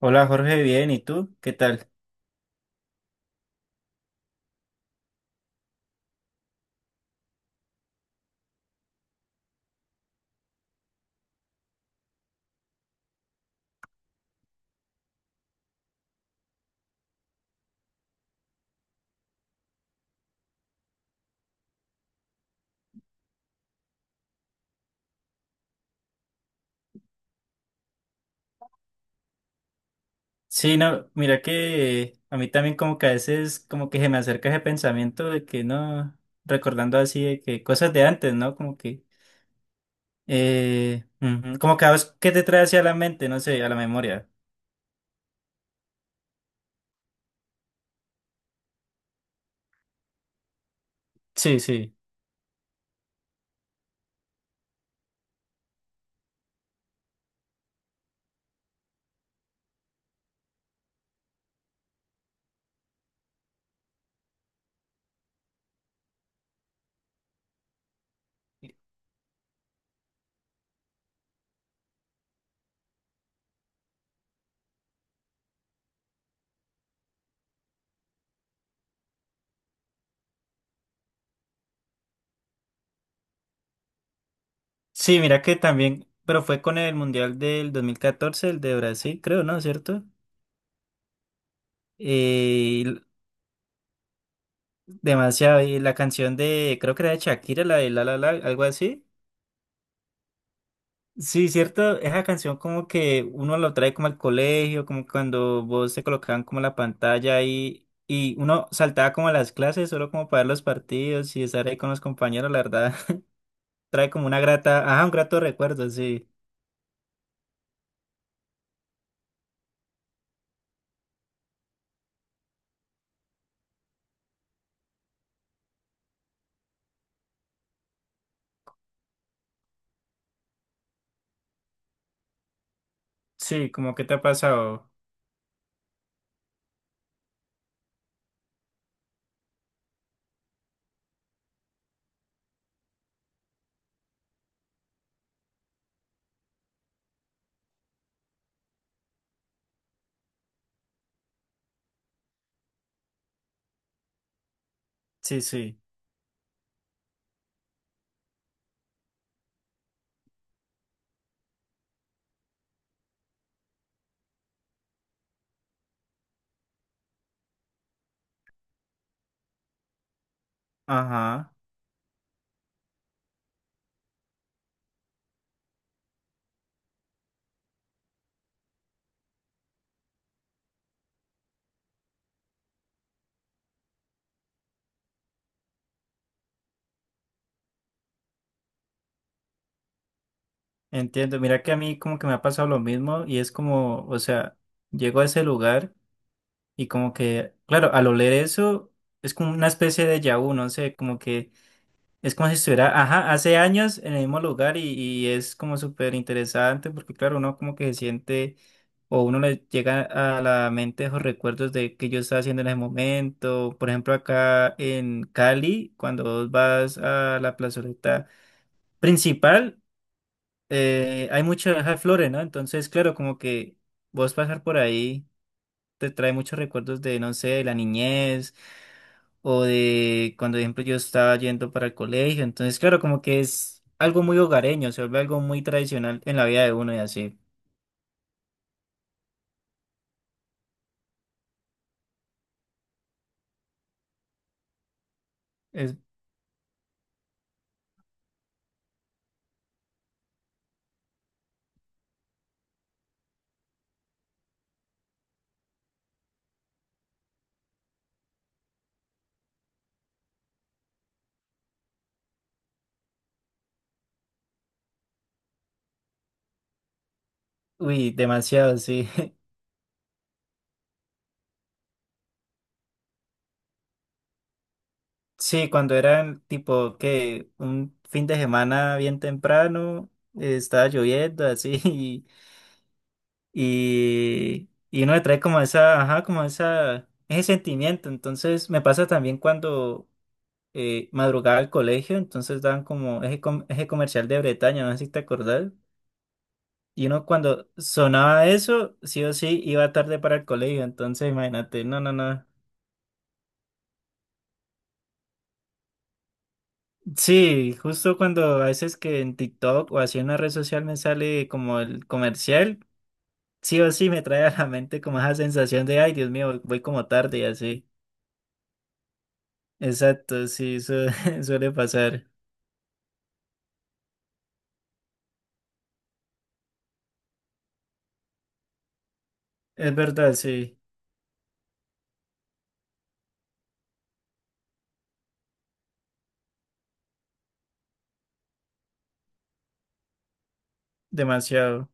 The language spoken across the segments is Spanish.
Hola Jorge, bien, ¿y tú? ¿Qué tal? Sí, no, mira que a mí también como que a veces como que se me acerca ese pensamiento de que no, recordando así de que cosas de antes, ¿no? Como que, ujú, como que a vos, ¿qué te trae hacia la mente? No sé, a la memoria. Sí, sí. Sí, mira que también, pero fue con el Mundial del 2014 el de Brasil, creo, ¿no? ¿Cierto? Eh, y l- Demasiado, y la canción de, creo que era de Shakira, la de La La La, algo así. Sí, cierto, esa canción como que uno lo trae como al colegio, como cuando vos te colocaban como la pantalla ahí y uno saltaba como a las clases solo como para ver los partidos y estar ahí con los compañeros, la verdad, trae como una grata, ajá, un grato recuerdo, sí. Sí, como que te ha pasado. Sí, sí. Ajá, entiendo. Mira que a mí como que me ha pasado lo mismo y es como, o sea, llego a ese lugar y como que, claro, al oler eso es como una especie de déjà vu, no sé, como que es como si estuviera, ajá, hace años en el mismo lugar y es como súper interesante porque claro, uno como que se siente o uno le llega a la mente esos recuerdos de que yo estaba haciendo en ese momento. Por ejemplo, acá en Cali, cuando vos vas a la plazoleta principal, hay muchas flores, ¿no? Entonces, claro, como que vos pasar por ahí te trae muchos recuerdos de, no sé, de la niñez o de cuando, por ejemplo, yo estaba yendo para el colegio. Entonces, claro, como que es algo muy hogareño, se vuelve algo muy tradicional en la vida de uno y así. Es, Uy, demasiado, sí. Sí, cuando era tipo que un fin de semana bien temprano, estaba lloviendo así y, y uno le trae como esa, ajá, como esa, ese sentimiento. Entonces, me pasa también cuando madrugaba al colegio, entonces daban como eje comercial de Bretaña, no sé si te acordás. Y uno cuando sonaba eso, sí o sí, iba tarde para el colegio, entonces imagínate, no, no, no. Sí, justo cuando a veces que en TikTok o así en una red social me sale como el comercial, sí o sí me trae a la mente como esa sensación de, ay, Dios mío, voy como tarde y así. Exacto, sí, eso suele pasar. Es verdad, sí, demasiado.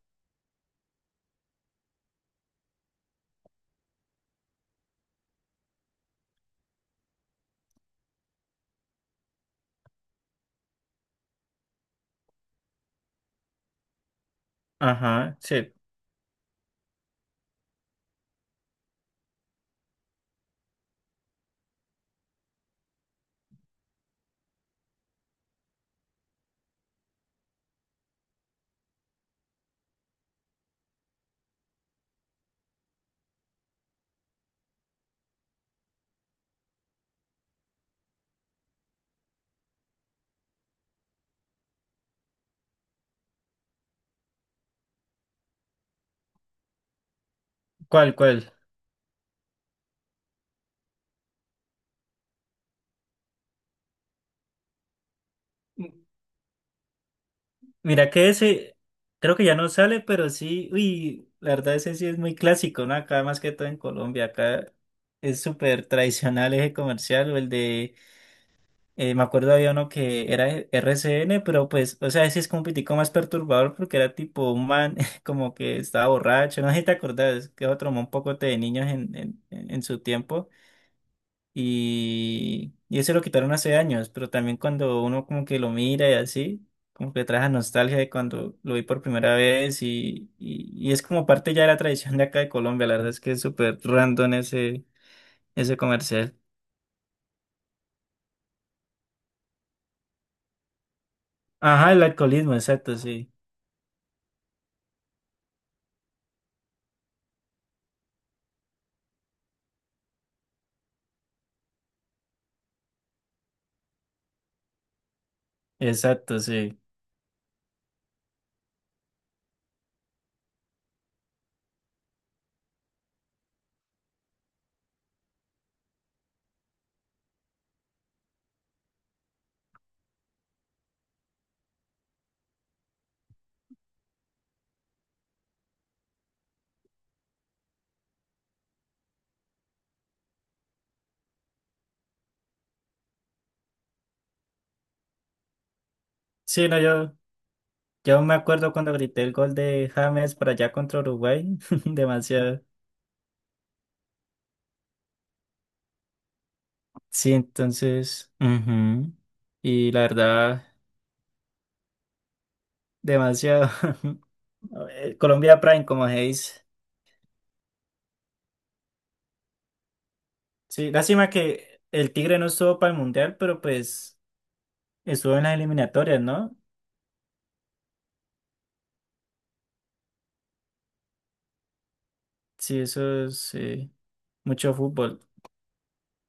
Ajá, sí. ¿Cuál, cuál? Mira que ese, creo que ya no sale, pero sí, uy, la verdad ese sí es muy clásico, ¿no? Acá más que todo en Colombia, acá es súper tradicional ese comercial, o el de, me acuerdo había uno que era RCN, pero pues, o sea, ese es como un pitico más perturbador porque era tipo un man como que estaba borracho, no sé si te acordás, que otro man un poco de niños en su tiempo. Y eso lo quitaron hace años, pero también cuando uno como que lo mira y así, como que le trae esa nostalgia de cuando lo vi por primera vez y es como parte ya de la tradición de acá de Colombia, la verdad es que es súper random ese comercial. Ajá, el alcoholismo, exacto, sí, exacto, sí. Sí, no, yo me acuerdo cuando grité el gol de James para allá contra Uruguay, demasiado. Sí, entonces, ujú, y la verdad, demasiado. Colombia Prime, como se dice. Sí, lástima que el Tigre no estuvo para el Mundial, pero pues estuvo en las eliminatorias, ¿no? Sí, eso es mucho fútbol,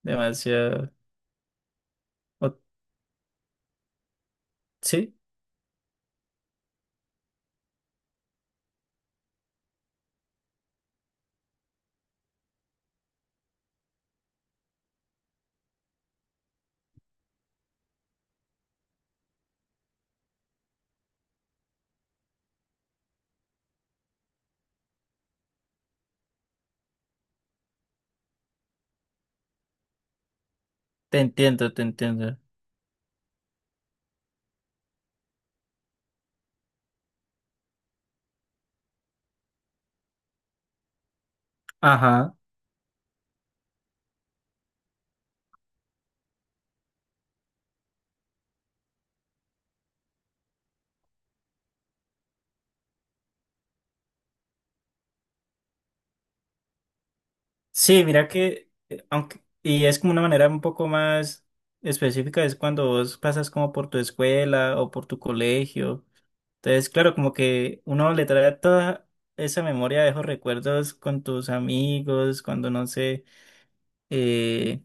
demasiado. o- sí, te entiendo, te entiendo. Ajá. Sí, mira que, y es como una manera un poco más específica, es cuando vos pasas como por tu escuela o por tu colegio. Entonces, claro, como que uno le trae toda esa memoria, de esos recuerdos con tus amigos, cuando no sé. Eh,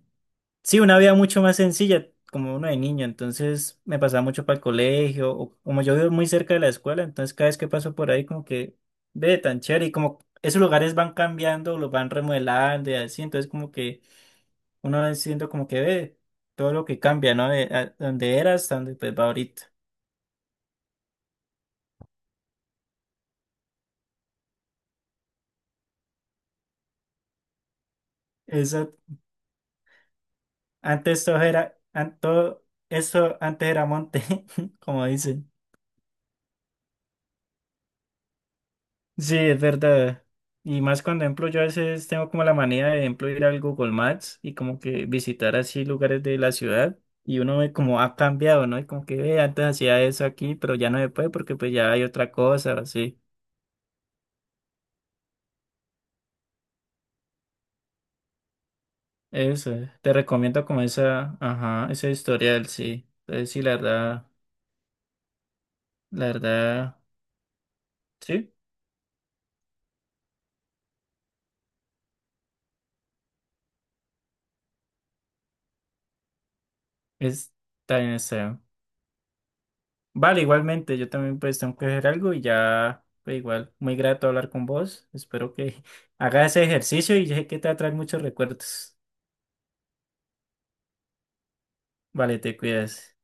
sí, una vida mucho más sencilla, como uno de niño, entonces me pasaba mucho para el colegio, o como yo vivo muy cerca de la escuela, entonces cada vez que paso por ahí como que ve tan chévere y como esos lugares van cambiando, los van remodelando y así, entonces como que uno va siendo como que ve todo lo que cambia, ¿no? De donde era hasta donde pues va ahorita. Eso, antes todo era, an- todo eso antes era monte, como dicen. Sí, es verdad. Y más cuando, ejemplo, yo a veces tengo como la manía de, ejemplo, ir al Google Maps y como que visitar así lugares de la ciudad y uno ve como ha cambiado, ¿no? Y como que "Ve, antes hacía eso aquí, pero ya no se puede porque pues ya hay otra cosa, o así. Eso, te recomiendo como esa, ajá, ese historial, sí. Entonces sí, la verdad, la verdad, sí, es, está bien, está bien. Vale, igualmente, yo también pues tengo que hacer algo y ya, pues igual, muy grato hablar con vos. Espero que hagas ese ejercicio y sé que te va a traer muchos recuerdos. Vale, te cuidas.